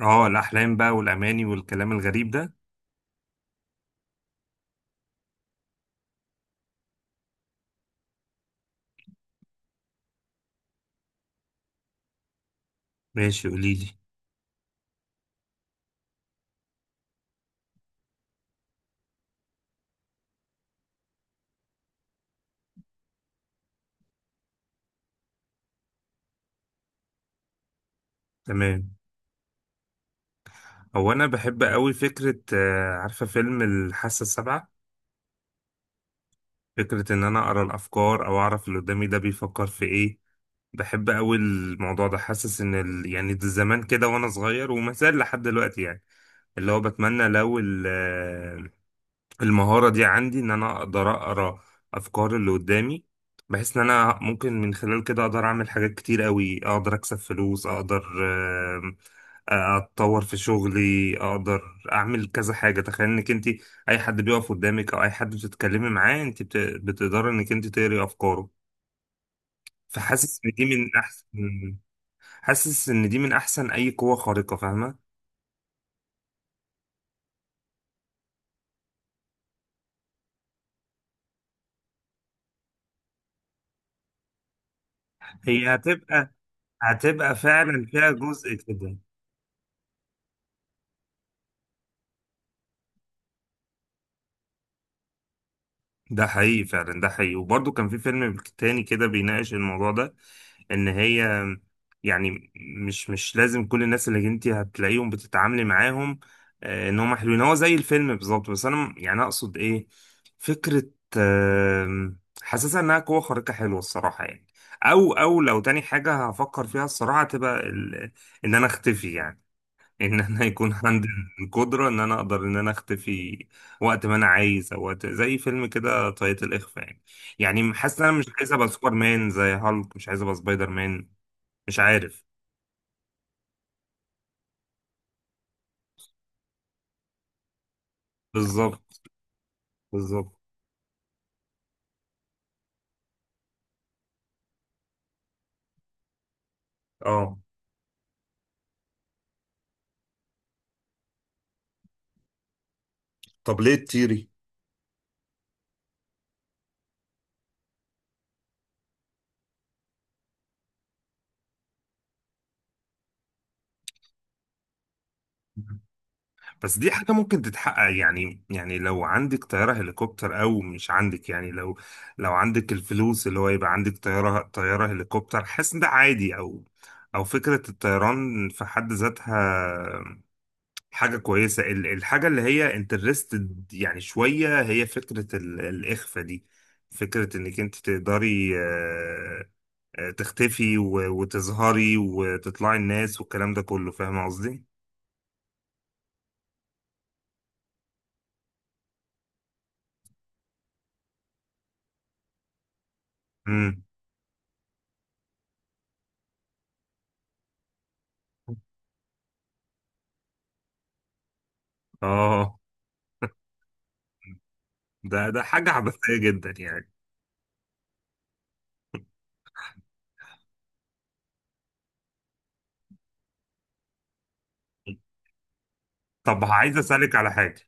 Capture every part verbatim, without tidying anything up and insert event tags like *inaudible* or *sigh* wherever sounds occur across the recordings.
اه الاحلام بقى والاماني والكلام الغريب ده. ماشي، قولي لي. تمام. هو انا بحب قوي فكره، آه، عارفه فيلم الحاسه السابعه؟ فكره ان انا اقرا الافكار او اعرف اللي قدامي ده بيفكر في ايه. بحب قوي الموضوع ده، حاسس ان ال... يعني ده زمان كده وانا صغير وما زال لحد دلوقتي يعني. اللي هو بتمنى لو ال... آه، المهارة دي عندي، إن أنا أقدر أقرأ أفكار اللي قدامي، بحيث إن أنا ممكن من خلال كده أقدر أعمل حاجات كتير قوي، أقدر أكسب فلوس، أقدر آم، آه، أتطور في شغلي، أقدر أعمل كذا حاجة. تخيل إنك أنت، أي حد بيقف قدامك أو أي حد بتتكلمي معاه أنت بت- بتقدري إنك أنت تقري أفكاره. فحاسس إن دي من أحسن. حاسس إن دي من أحسن أي قوة خارقة، فاهمة؟ هي هتبقى هتبقى فعلا فيها جزء كده. ده حقيقي، فعلا ده حقيقي، وبرضه كان في فيلم تاني كده بيناقش الموضوع ده. ان هي يعني مش مش لازم كل الناس اللي انت هتلاقيهم بتتعاملي معاهم، آه، ان هم حلوين. هو زي الفيلم بالظبط، بس انا يعني اقصد ايه، فكرة، آم، حاسسها انها قوة خارقة حلوة الصراحة يعني. او او لو تاني حاجة هفكر فيها الصراحة تبقى ال- ان انا اختفي يعني. ان انا يكون عندي القدره ان انا اقدر ان انا اختفي وقت ما انا عايز، او وقت زي فيلم كده طاقية الاخفاء يعني. يعني حاسس ان انا مش عايز ابقى سوبر مان، زي هالك مش عايز ابقى سبايدر مان. مش عارف. بالظبط. بالظبط. اه. طب ليه تطيري؟ بس دي حاجة ممكن تتحقق يعني يعني لو عندك طيارة هليكوبتر أو مش عندك، يعني لو لو عندك الفلوس، اللي هو يبقى عندك طيارة طيارة هليكوبتر، حاسس إن ده عادي. أو أو فكرة الطيران في حد ذاتها حاجة كويسة. ال- الحاجة اللي هي انترستد يعني شوية، هي فكرة ال- الإخفاء دي. فكرة إنك أنت تقدري آه، آه، تختفي و- وتظهري وتطلعي الناس والكلام ده كله، فاهم قصدي؟ امم. اه. ده ده حاجة عبثية جدا يعني. طب عايز أسألك على حاجة.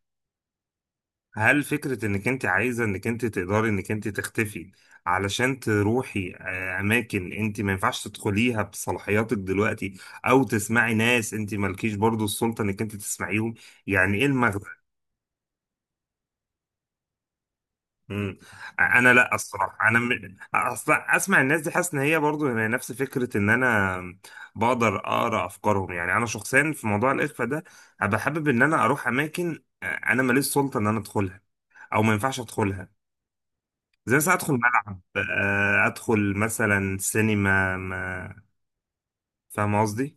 هل فكرة انك انت عايزة انك انت تقدري انك انت تختفي علشان تروحي آه، اماكن انت ما ينفعش تدخليها بصلاحياتك دلوقتي، او تسمعي ناس انت مالكيش برضو السلطة انك انت تسمعيهم، يعني ايه المغزى؟ مم. انا لا، الصراحة انا م... اصلا اسمع الناس دي، حاسس ان هي برضو هي نفس فكرة ان انا بقدر اقرا افكارهم. يعني انا شخصيا في موضوع الاخفاء ده، ابقى حابب ان انا اروح اماكن آه، انا ماليش سلطة ان انا ادخلها، او ما ينفعش ادخلها. زي مثلا ادخل ملعب، آه، ادخل مثلا سينما ما. فاهم قصدي؟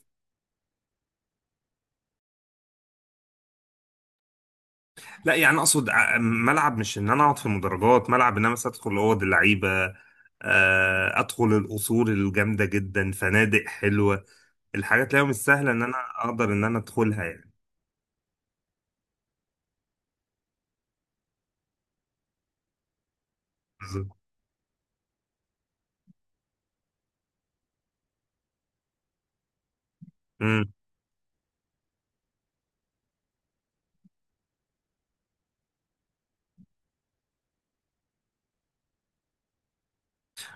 لا يعني اقصد، ع- ملعب مش ان انا اقعد في المدرجات، ملعب ان انا مثلا ادخل اوض اللعيبه، آه، ادخل القصور الجامده جدا، فنادق حلوه، الحاجات اللي هي مش سهله ان انا اقدر ان انا ادخلها يعني. بالظبط. مم.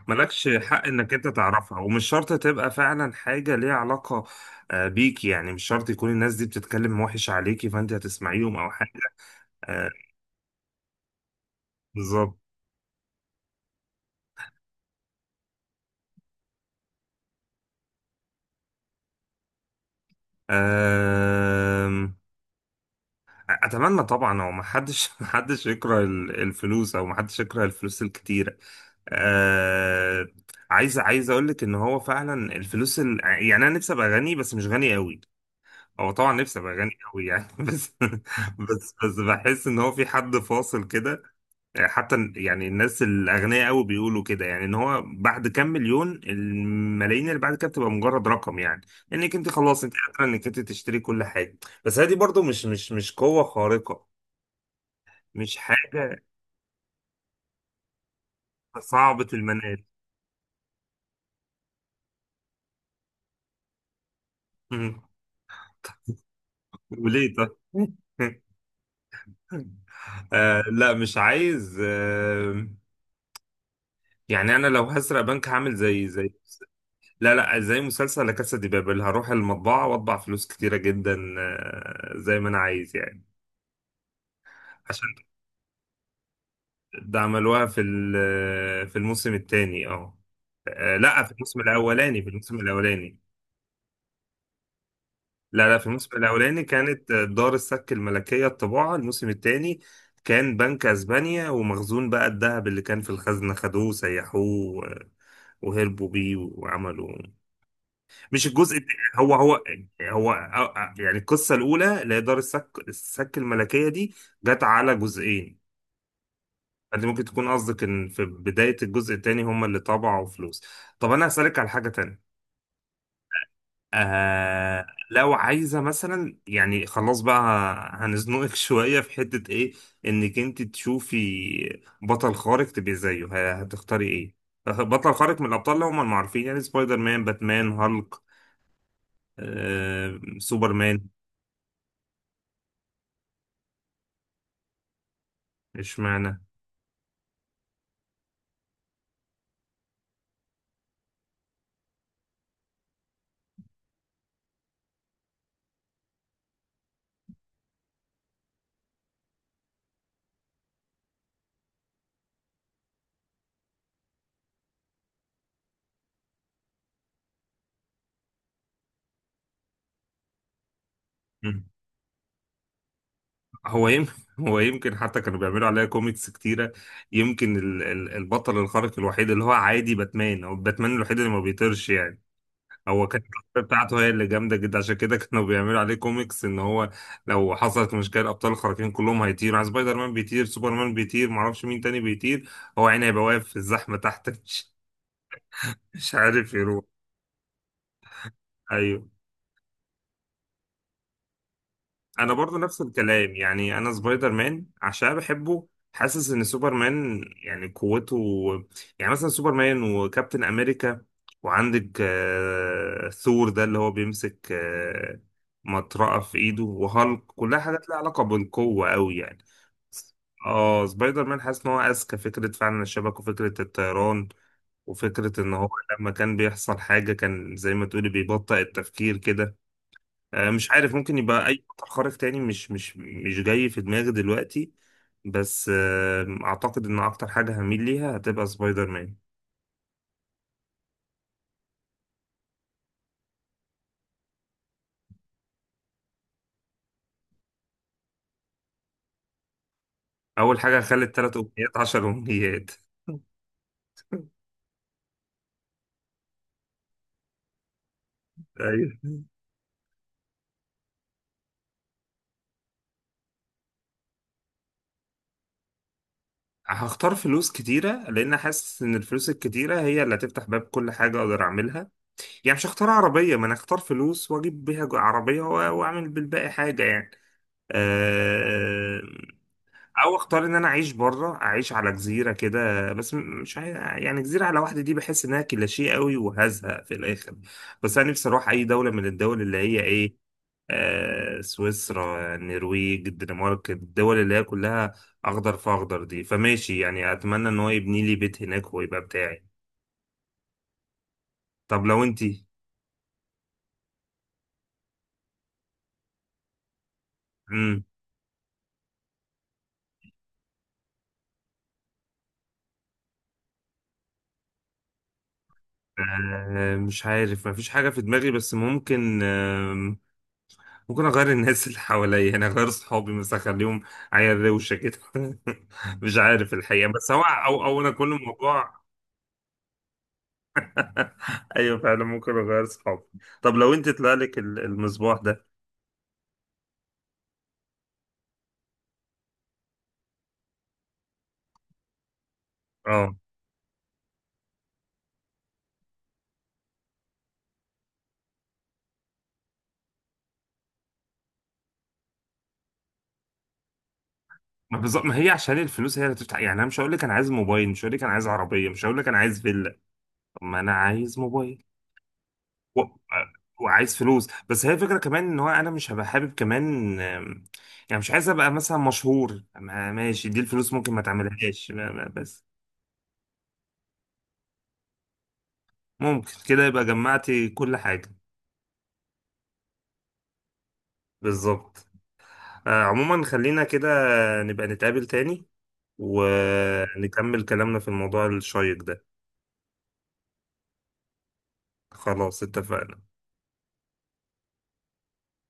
مالكش حق انك انت تعرفها، ومش شرط تبقى فعلا حاجه ليها علاقه آه، بيك. يعني مش شرط يكون الناس دي بتتكلم وحش عليكي فانت هتسمعيهم او حاجه. آه، بالظبط. أم، اتمنى طبعا. هو ما حدش *laughs* ما حدش يكره ال- الفلوس، او ما حدش يكره الفلوس الكتيره. أه، عايز عايز اقول لك ان هو فعلا الفلوس ال... يعني انا نفسي ابقى غني بس مش غني قوي. هو طبعا نفسي ابقى غني قوي يعني *laughs* بس بس بس بحس ان هو في حد فاصل كده. حتى يعني الناس الأغنياء قوي بيقولوا كده، يعني إن هو بعد كام مليون، الملايين اللي بعد كده بتبقى مجرد رقم يعني. إنك أنت خلاص أنت قادرة إنك أنت تشتري كل حاجة. بس هذه برضو مش مش مش قوة خارقة، مش حاجة صعبة المنال. مم. وليه طب *laughs* آه لا، مش عايز. آه يعني انا لو هسرق بنك هعمل زي زي، لا لا، زي مسلسل لا كاسا دي بابل. هروح المطبعة واطبع فلوس كتيرة جدا، آه زي ما انا عايز يعني. عشان ده عملوها في ال- في الموسم الثاني، اه. آه، لا، في الموسم الاولاني. في الموسم الاولاني لا لا، في الموسم الاولاني كانت دار السك الملكيه الطباعه. الموسم الثاني كان بنك اسبانيا، ومخزون بقى الذهب اللي كان في الخزنه خدوه سيحوه آه، وهربوا بيه وعملوا. مش الجزء الت- هو هو هو آه، آه، يعني القصه الاولى اللي هي دار السك السك الملكيه دي جت على جزئين. انت ممكن تكون قصدك ان في بداية الجزء التاني هم اللي طبعوا فلوس. طب انا هسألك على حاجة تانية. آه لو عايزة مثلا، يعني خلاص بقى هنزنقك *laughs* شوية في حتة ايه، انك انت تشوفي بطل خارق تبقي زيه، ه- هتختاري ايه؟ بطل خارق من الابطال اللي هم المعروفين، يعني سبايدر مان، باتمان، هالك، آه سوبرمان. اشمعنى؟ هو يمكن *laughs* هو يمكن حتى كانوا بيعملوا عليها كوميكس كتيرة. يمكن ال- ال- البطل الخارق الوحيد اللي هو عادي باتمان، او باتمان الوحيد اللي ما بيطيرش يعني. هو كانت الشخصية بتاعته هي اللي جامدة جدا، عشان كده كانوا بيعملوا عليه كوميكس ان هو لو حصلت مشكلة الابطال الخارقين كلهم هيطيروا يعني. سبايدر مان بيطير، سوبرمان بيطير، معرفش مين تاني بيطير. هو يعني هيبقى واقف في الزحمة تحت *laughs* مش مش عارف يروح. ايوه انا برضو نفس الكلام، يعني انا سبايدر مان عشان بحبه. حاسس ان سوبر مان يعني قوته، يعني مثلا سوبر مان وكابتن امريكا، وعندك آه، ثور ده اللي هو بيمسك آه، مطرقة في ايده، وهالك، كلها حاجات لها علاقة بالقوة قوي يعني. اه سبايدر مان، حاسس ان هو اذكى فكرة فعلا، الشبكة وفكرة الطيران، وفكرة ان هو لما كان بيحصل حاجة كان زي ما تقولي بيبطئ التفكير كده. آه، مش عارف ممكن يبقى اي قطع خارق تاني، مش مش مش جاي في دماغي دلوقتي. بس آه، اعتقد ان اكتر حاجه هميل ليها هتبقى سبايدر مان. اول حاجه هخلي الثلاث امنيات 10 امنيات *laughs* ايوه، هختار فلوس كتيرة لأن حاسس إن الفلوس الكتيرة هي اللي هتفتح باب كل حاجة أقدر أعملها. يعني مش هختار عربية، ما أنا هختار فلوس وأجيب بيها جو- عربية و- وأعمل بالباقي حاجة يعني. أه. او اختار ان انا اعيش بره، اعيش على جزيره كده، بس م- مش عاي... يعني جزيره على واحده دي بحس انها كليشيه قوي وهزهق في الاخر. بس انا نفسي اروح اي دوله من الدول اللي هي ايه، آه سويسرا، النرويج، الدنمارك، الدول اللي هي كلها اخضر في اخضر دي. فماشي يعني، اتمنى ان هو يبني لي بيت هناك ويبقى بتاعي. طب لو انتي. امم. آه مش عارف مفيش حاجه في دماغي، بس ممكن آمم، ممكن اغير الناس اللي حواليا، يعني اغير صحابي مثلا، اخليهم عيال روشه كده *laughs* مش عارف الحقيقه، بس هو او او انا كل الموضوع *laughs* ايوه فعلا، ممكن اغير صحابي. طب لو انت طلع لك ال- المصباح ده. اه. ما بالظبط، ما هي عشان الفلوس هي اللي تفتح. يعني انا مش هقول لك انا عايز موبايل، مش هقول لك انا عايز عربيه، مش هقول لك انا عايز فيلا. طب ما انا عايز موبايل و... آه، وعايز فلوس. بس هي الفكره كمان ان هو انا مش هبقى حابب كمان، آم، يعني مش عايز ابقى مثلا مشهور. ما- ماشي، دي الفلوس ممكن ما تعملهاش، ما- ما- بس ممكن كده يبقى جمعتي كل حاجة. بالظبط. آه عموما خلينا كده، نبقى نتقابل تاني ونكمل كلامنا في الموضوع الشيق ده. خلاص، اتفقنا.